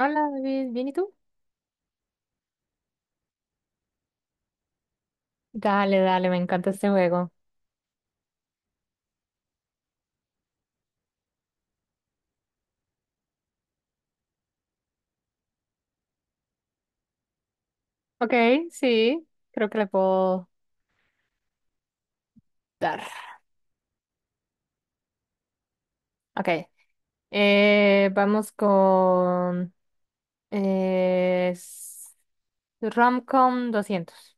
Hola David, ¿bien y tú? Dale, dale, me encanta este juego. Ok, sí, creo que le puedo dar. Ok, vamos con eh, s- Romcom 200,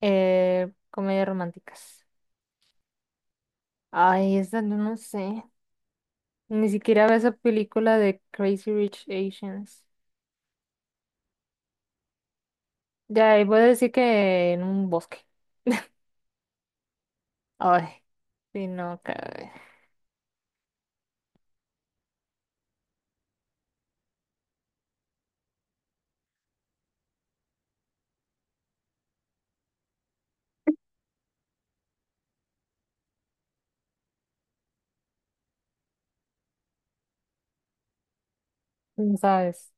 comedias románticas. Ay, esa no sé, ni siquiera veo esa película de Crazy Rich Asians. Ya, y voy a decir que en un bosque. Ay, sí, no, no sabes.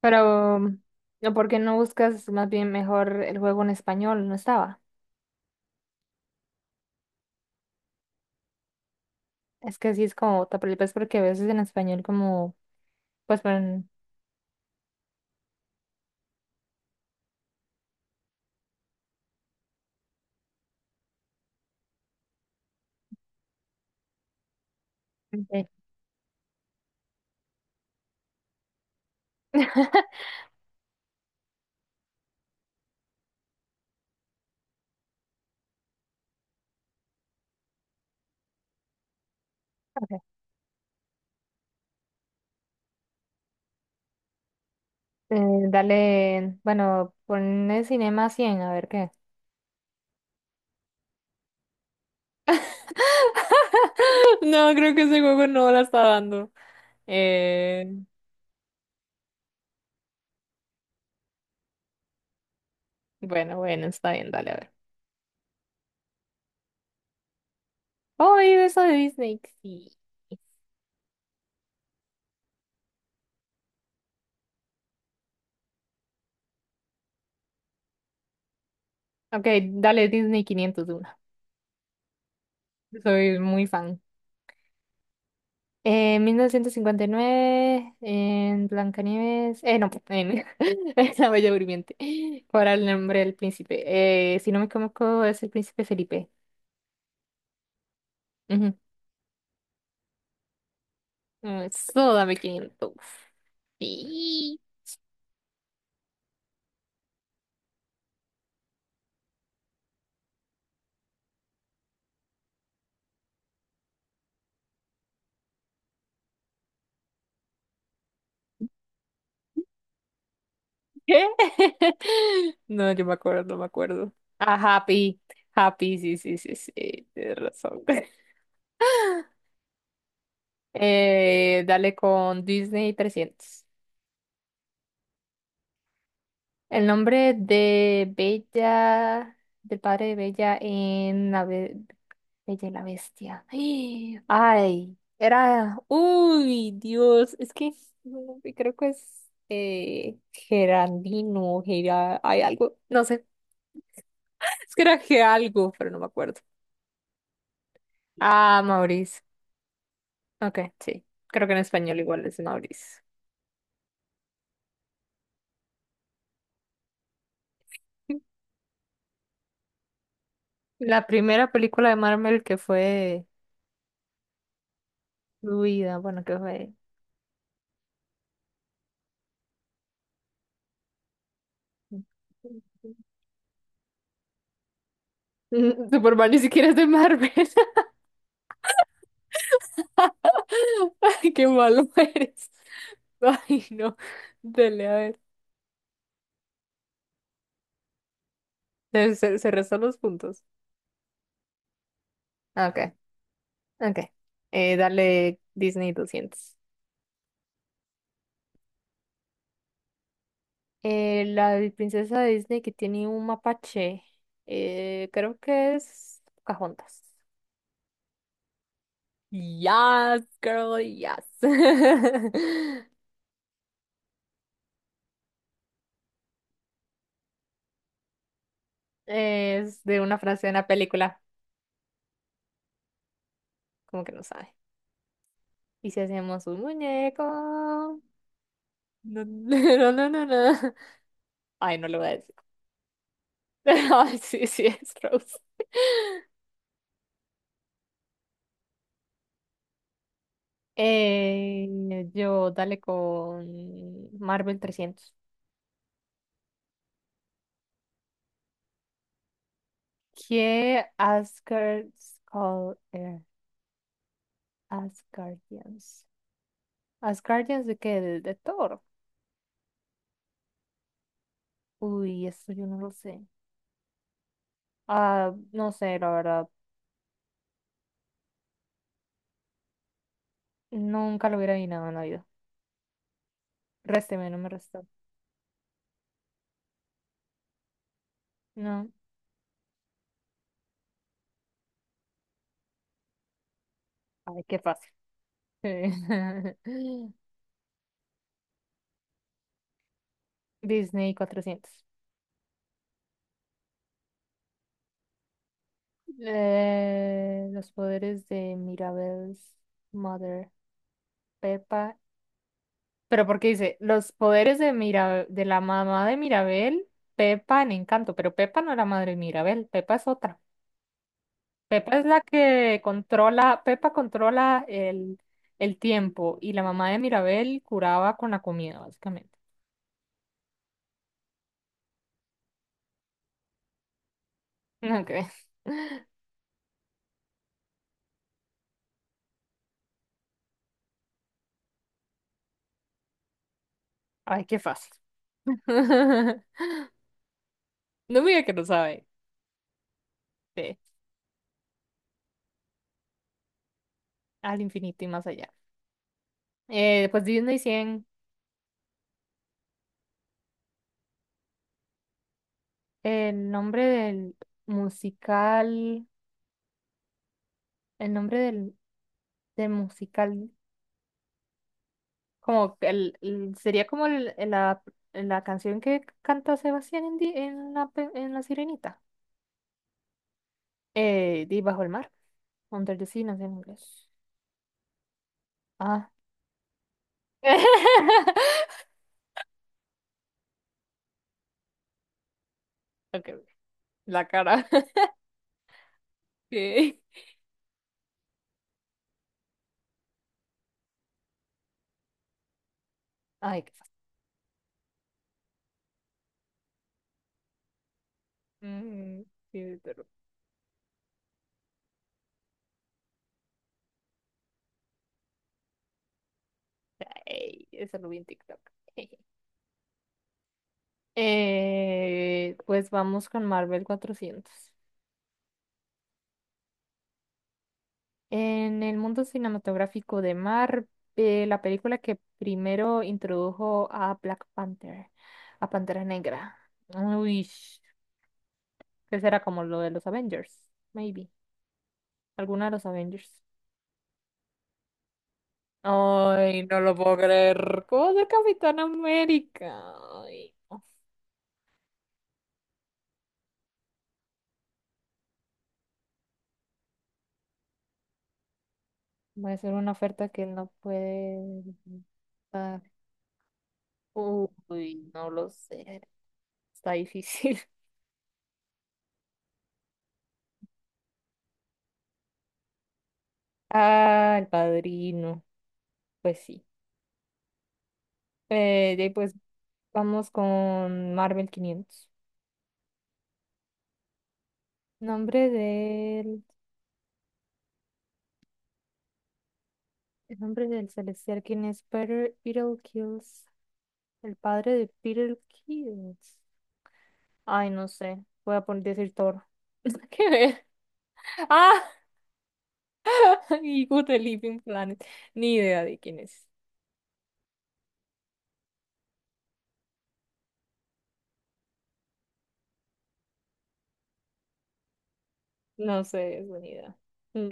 Pero, ¿no? ¿Por qué no buscas más bien mejor el juego en español? No estaba. Es que sí es como otra película, es porque a veces en español como, pues pon, eh, ok, eh, dale, bueno, pon el Cinema 100 a ver qué. No, creo que ese juego no la está dando. Eh, bueno, bueno, está bien, dale, a ver. Oh, y eso de Disney, sí. Ok, dale Disney 501. Soy muy fan. En 1959, en Blancanieves, no, en, en La Bella Durmiente, ¿cuál era el nombre del príncipe? Si no me equivoco, es el príncipe Felipe. Ujú. Mm, eso, dame 500. Sí. ¿Qué? No, yo no me acuerdo. Ah, Happy, Happy, sí, sí, sí, sí, tienes razón. Dale con Disney 300. El nombre de del padre de Bella en Bella y la Bestia. ¡Ah! Ay, era, uy, Dios, es que no, creo que es Geraldino, hay algo, no sé, es que era Ge algo, pero no me acuerdo. Ah, Maurice, ok, sí, creo que en español igual es Maurice. La primera película de Marvel que fue fluida, bueno, que fue mm, Superman ni siquiera es de Marvel. Ay, qué malo eres. Ay, no. Dale, a ver. Se restan los puntos. Ah, ok, ok. Dale Disney 200. La princesa de Disney que tiene un mapache. Creo que es Pocahontas. Yes, girl, yes. Es de una frase de una película. Como que no sabe. ¿Y si hacemos un muñeco? No, no, no, no, no. Ay, no lo voy a decir. Ay, sí, sí, es Rose. Eh, yo dale con Marvel 300. ¿Qué Asgard's Call Asgardians? ¿Asgardians de qué? ¿De Thor? Uy, eso yo no lo sé. Ah, no sé, la verdad. Nunca lo hubiera adivinado en la vida. Résteme, no me restó. No. Ay, qué fácil. Disney 400. Los poderes de Mirabel's Mother, Peppa. Pero porque dice, los poderes de de la mamá de Mirabel, Peppa en Encanto, pero Peppa no es la madre de Mirabel, Peppa es otra. Peppa es la que controla, Peppa controla el tiempo y la mamá de Mirabel curaba con la comida, básicamente. Ok. Ay, qué fácil. No me diga que no sabe. Sí, al infinito y más allá. Pues Disney 100. El nombre del musical, el nombre del, del musical, como que sería como la canción que canta Sebastián en la, en La Sirenita. Di Bajo el mar, Under the Sea, no sé en inglés. Ah. Ok, la cara. Sí. Ay, qué fácil. Mm, sí, pero- ey, eso lo vi en TikTok. Pues vamos con Marvel 400. En el mundo cinematográfico de Marvel, la película que primero introdujo a Black Panther, a Pantera Negra. Uy, que será como lo de los Avengers, maybe. Alguna de los Avengers. Ay, no lo puedo creer. ¿Cómo de Capitán América? Ay, no. Va a ser una oferta que él no puede dar. Uy, no lo sé. Está difícil. Ah, el padrino. Pues sí. De ahí, pues Vamos con Marvel 500. Nombre del, el nombre del celestial, ¿quién es Peter Kills? El padre de Peter Kills. Ay, no sé. Voy a poner decir Thor. ¿Qué ver? Ah, y Good The Living Planet. Ni idea de quién es. No sé, es buena idea. Mm.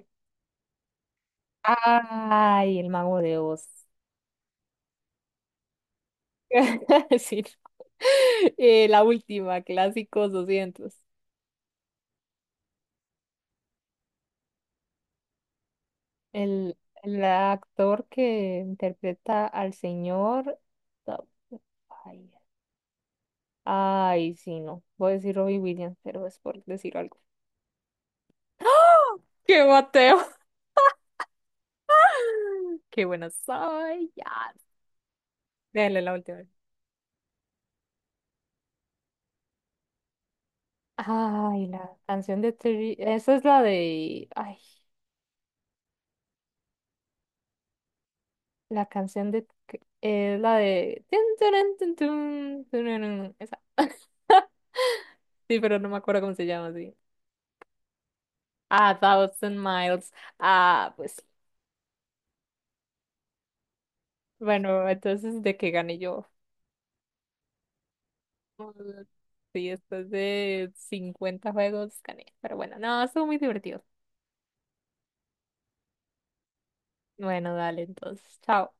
Ay, el mago de Oz. Sí. No. La última, clásicos 200. El, el actor que interpreta al señor. No, ay, ay, sí, no. Voy a decir Robbie Williams, pero es por decir algo. ¡Qué Mateo! ¡Qué buena soy! ¡Ya! Déjale la última vez. Ay, la canción de Terry. Esa es la de. Ay, la canción de. Es la de tun, turun, tun, tun, tururun. Esa. Sí, pero no me acuerdo cómo se llama así. A Thousand Miles. Ah, pues. Bueno, entonces de que gané yo. Mm, sí, después de 50 juegos gané. Pero bueno, no, estuvo muy divertido. Bueno, dale, entonces, chao.